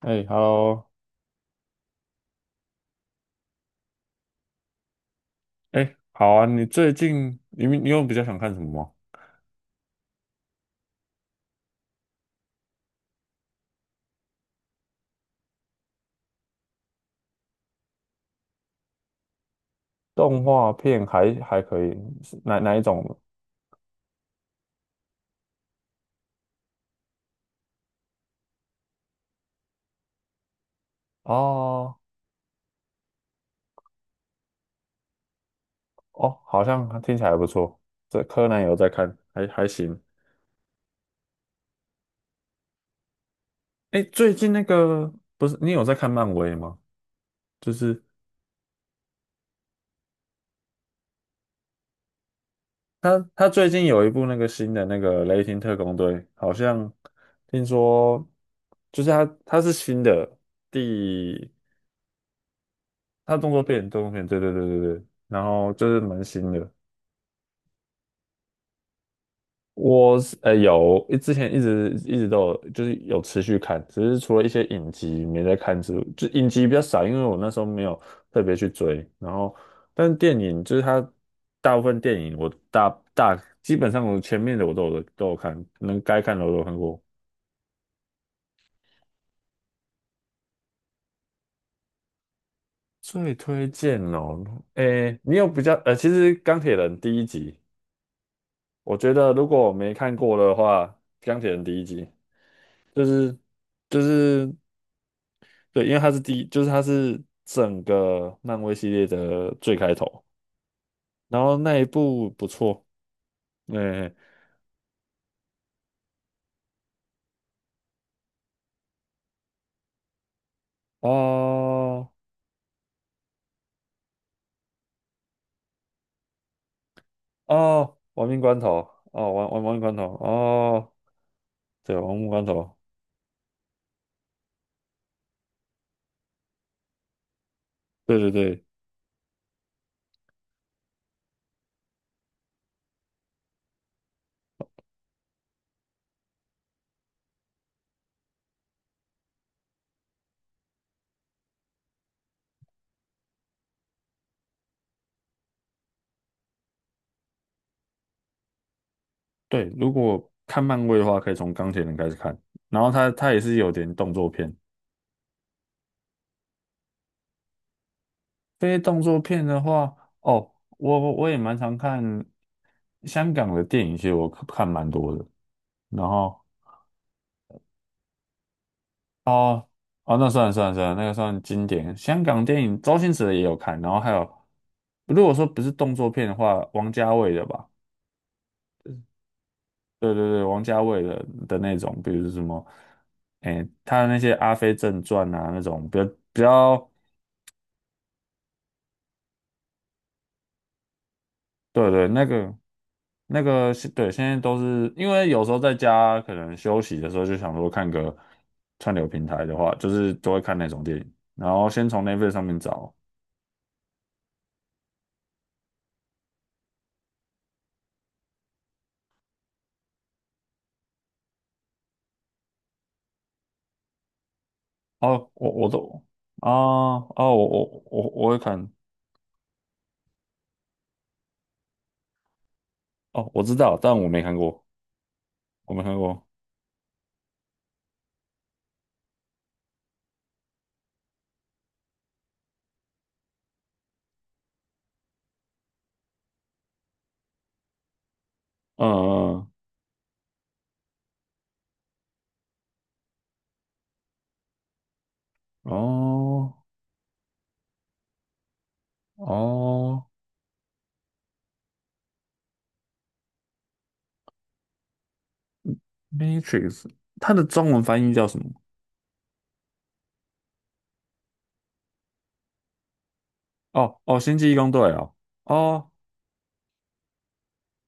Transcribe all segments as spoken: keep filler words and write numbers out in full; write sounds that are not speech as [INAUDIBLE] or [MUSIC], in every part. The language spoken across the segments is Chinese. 哎，Hello，哎，好啊，你最近你你有比较想看什么吗？动画片还还可以，是哪哪一种？哦哦，好像听起来还不错。这柯南有在看，还还行。哎，最近那个不是你有在看漫威吗？就是他他最近有一部那个新的那个《雷霆特工队》，好像听说就是他他是新的第他动作片动作片，对对对对对，然后就是蛮新的。我是呃有之前一直一直都有，就是有持续看，只是除了一些影集没在看之，就影集比较少，因为我那时候没有特别去追。然后，但是电影就是它大部分电影我大大基本上我前面的我都有都有看，能该看的我都有看过。最推荐哦，诶，你有比较呃，其实《钢铁人》第一集，我觉得如果我没看过的话，《钢铁人》第一集就是就是对，因为它是第一，就是它是整个漫威系列的最开头，然后那一部不错，嗯，哦哦，亡命关头，哦，亡亡亡命关头，哦，对，亡命关头，对对对对，如果看漫威的话，可以从钢铁人开始看，然后它它也是有点动作片，非动作片的话，哦，我我也蛮常看香港的电影，其实我看蛮多的，然后。哦哦，那算了算了算了，那个算经典。香港电影周星驰的也有看，然后还有，如果说不是动作片的话，王家卫的吧？对对对，王家卫的的那种，比如什么，哎，他的那些《阿飞正传》啊，那种比较比较，对对，那个那个是对，现在都是因为有时候在家可能休息的时候就想说看个串流平台的话，就是都会看那种电影，然后先从 Netflix 上面找。哦，我我都啊哦，我我我我会看哦，我知道，但我没看过，我没看过。嗯嗯，嗯哦哦，Matrix，它的中文翻译叫什么？哦哦，星际义工队哦哦，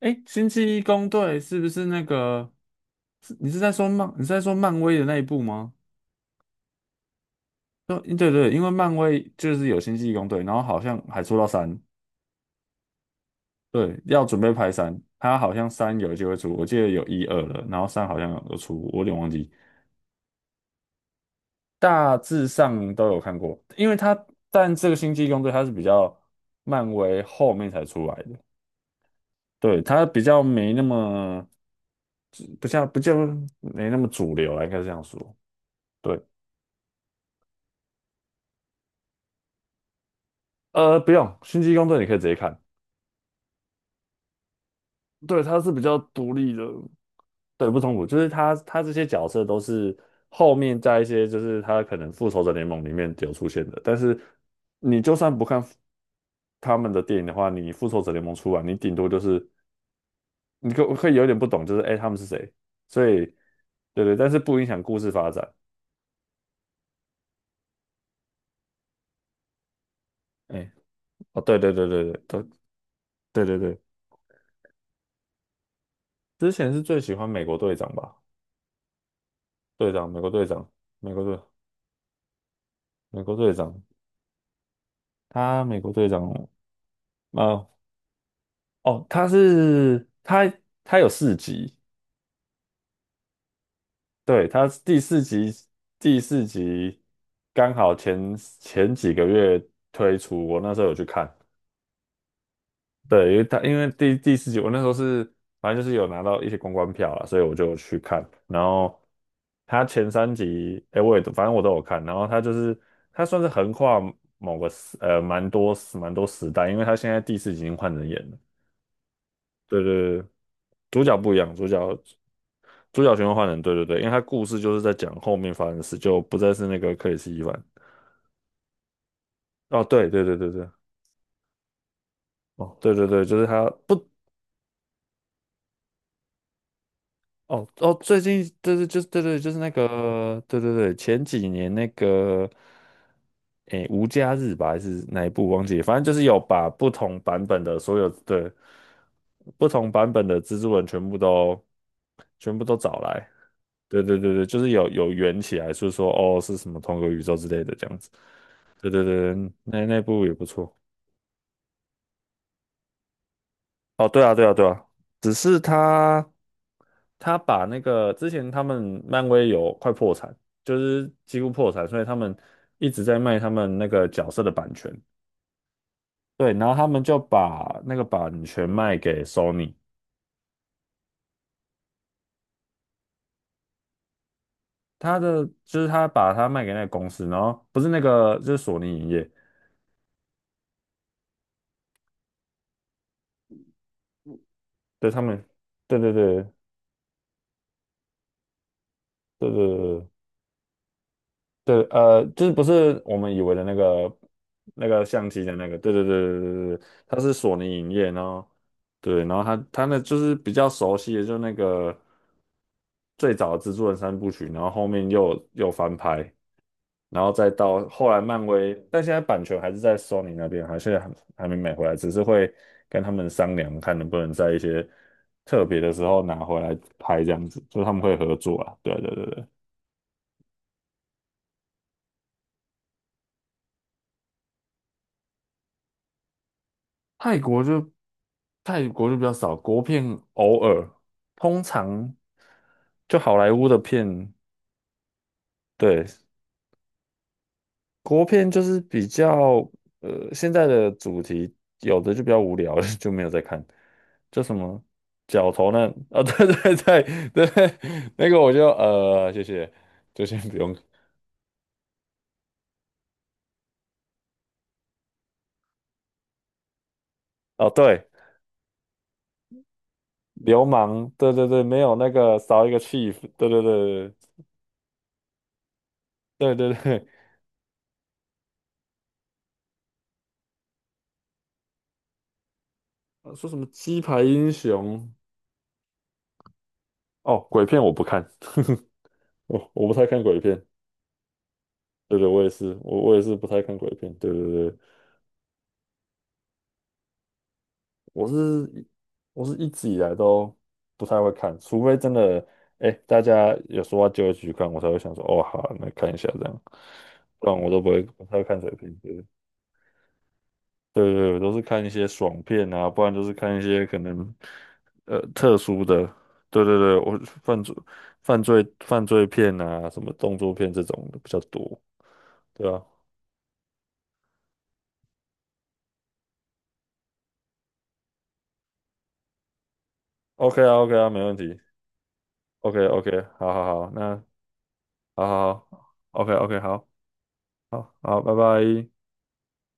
诶，星际义工队是不是那个？是，你是在说漫？你是在说漫威的那一部吗？对对对，因为漫威就是有星际义工队，然后好像还出到三。对，要准备拍三，它好像三有机会出，我记得有一二了，然后三好像有出，我有点忘记，大致上都有看过，因为它但这个星际异攻队它是比较漫威后面才出来的，对，它比较没那么不像不叫没那么主流啊，应该是这样说，对，呃，不用，星际异攻队你可以直接看，对，它是比较独立的，对，不冲突，就是他他这些角色都是后面在一些就是他可能复仇者联盟里面有出现的，但是你就算不看他们的电影的话，你复仇者联盟出来，你顶多就是你可可以有点不懂，就是哎、诶他们是谁，所以对对，但是不影响故事发展。哎、哦对对对对对对对对对，之前是最喜欢美国队长吧，队长美国队长美国队美国队长，他美国队长啊、呃哦，他是他他有四集，对，他第四集第四集刚好前前几个月推出，我那时候有去看，对，因为他因为第第四集我那时候是反正就是有拿到一些公关票啦，所以我就去看，然后他前三集，哎，我也都反正我都有看，然后他就是他算是横跨某个时呃蛮多蛮多时代，因为他现在第四集已经换人演了，对对对，主角不一样，主角。主角循环换人，对对对，因为他故事就是在讲后面发生的事，就不再是那个克里斯·伊凡。哦，对对对对对，哦，对对对，就是他不哦哦，最近对对，就是对对，就是那个对对对，前几年那个，诶，无家日吧，还是哪一部忘记了反正就是有把不同版本的所有的不同版本的蜘蛛人全部都全部都找来，对对对对，就是有有圆起来，就是说哦是什么同个宇宙之类的这样子，对对对，对那那部也不错。哦，对啊对啊对啊，只是他。他把那个之前他们漫威有快破产，就是几乎破产，所以他们一直在卖他们那个角色的版权。对，然后他们就把那个版权卖给 Sony，他的就是他把它卖给那个公司，然后不是那个就是索尼影业，对他们，对对对对对对对，对，呃，就是不是我们以为的那个那个相机的那个，对对对对对对，对它是索尼影业，然后对，然后他他那就是比较熟悉的，就那个最早的蜘蛛人三部曲，然后后面又又翻拍，然后再到后来漫威，但现在版权还是在 Sony 那边，还是还还没买回来，只是会跟他们商量，看能不能在一些特别的时候拿回来拍这样子，就是他们会合作啊，对啊对对对。泰国就泰国就比较少，国片偶尔，通常就好莱坞的片，对，国片就是比较呃现在的主题，有的就比较无聊了 [LAUGHS] 就没有在看，叫什么角头那啊、[LAUGHS] 对对对对，那个我就呃谢谢，就先不用哦，对，流氓，对对对，没有那个少一个 chief，对对对对对对，对，[LAUGHS] 呃说什么鸡排英雄。哦，鬼片我不看，[LAUGHS] 我我不太看鬼片。对对，我也是，我我也是不太看鬼片。对对对，我是一我是一直以来都不太会看，除非真的，哎，大家有说话就一起去看，我才会想说，哦，好啊，那看一下这样，不然我都不会，不太会看鬼片。对对对，对我都是看一些爽片啊，不然就是看一些可能呃特殊的。对对对，我犯罪犯罪犯罪片啊，什么动作片这种的比较多。对啊。OK 啊，OK 啊，没问题。OK OK，好好好，那好好好，OK OK，好好好，拜拜。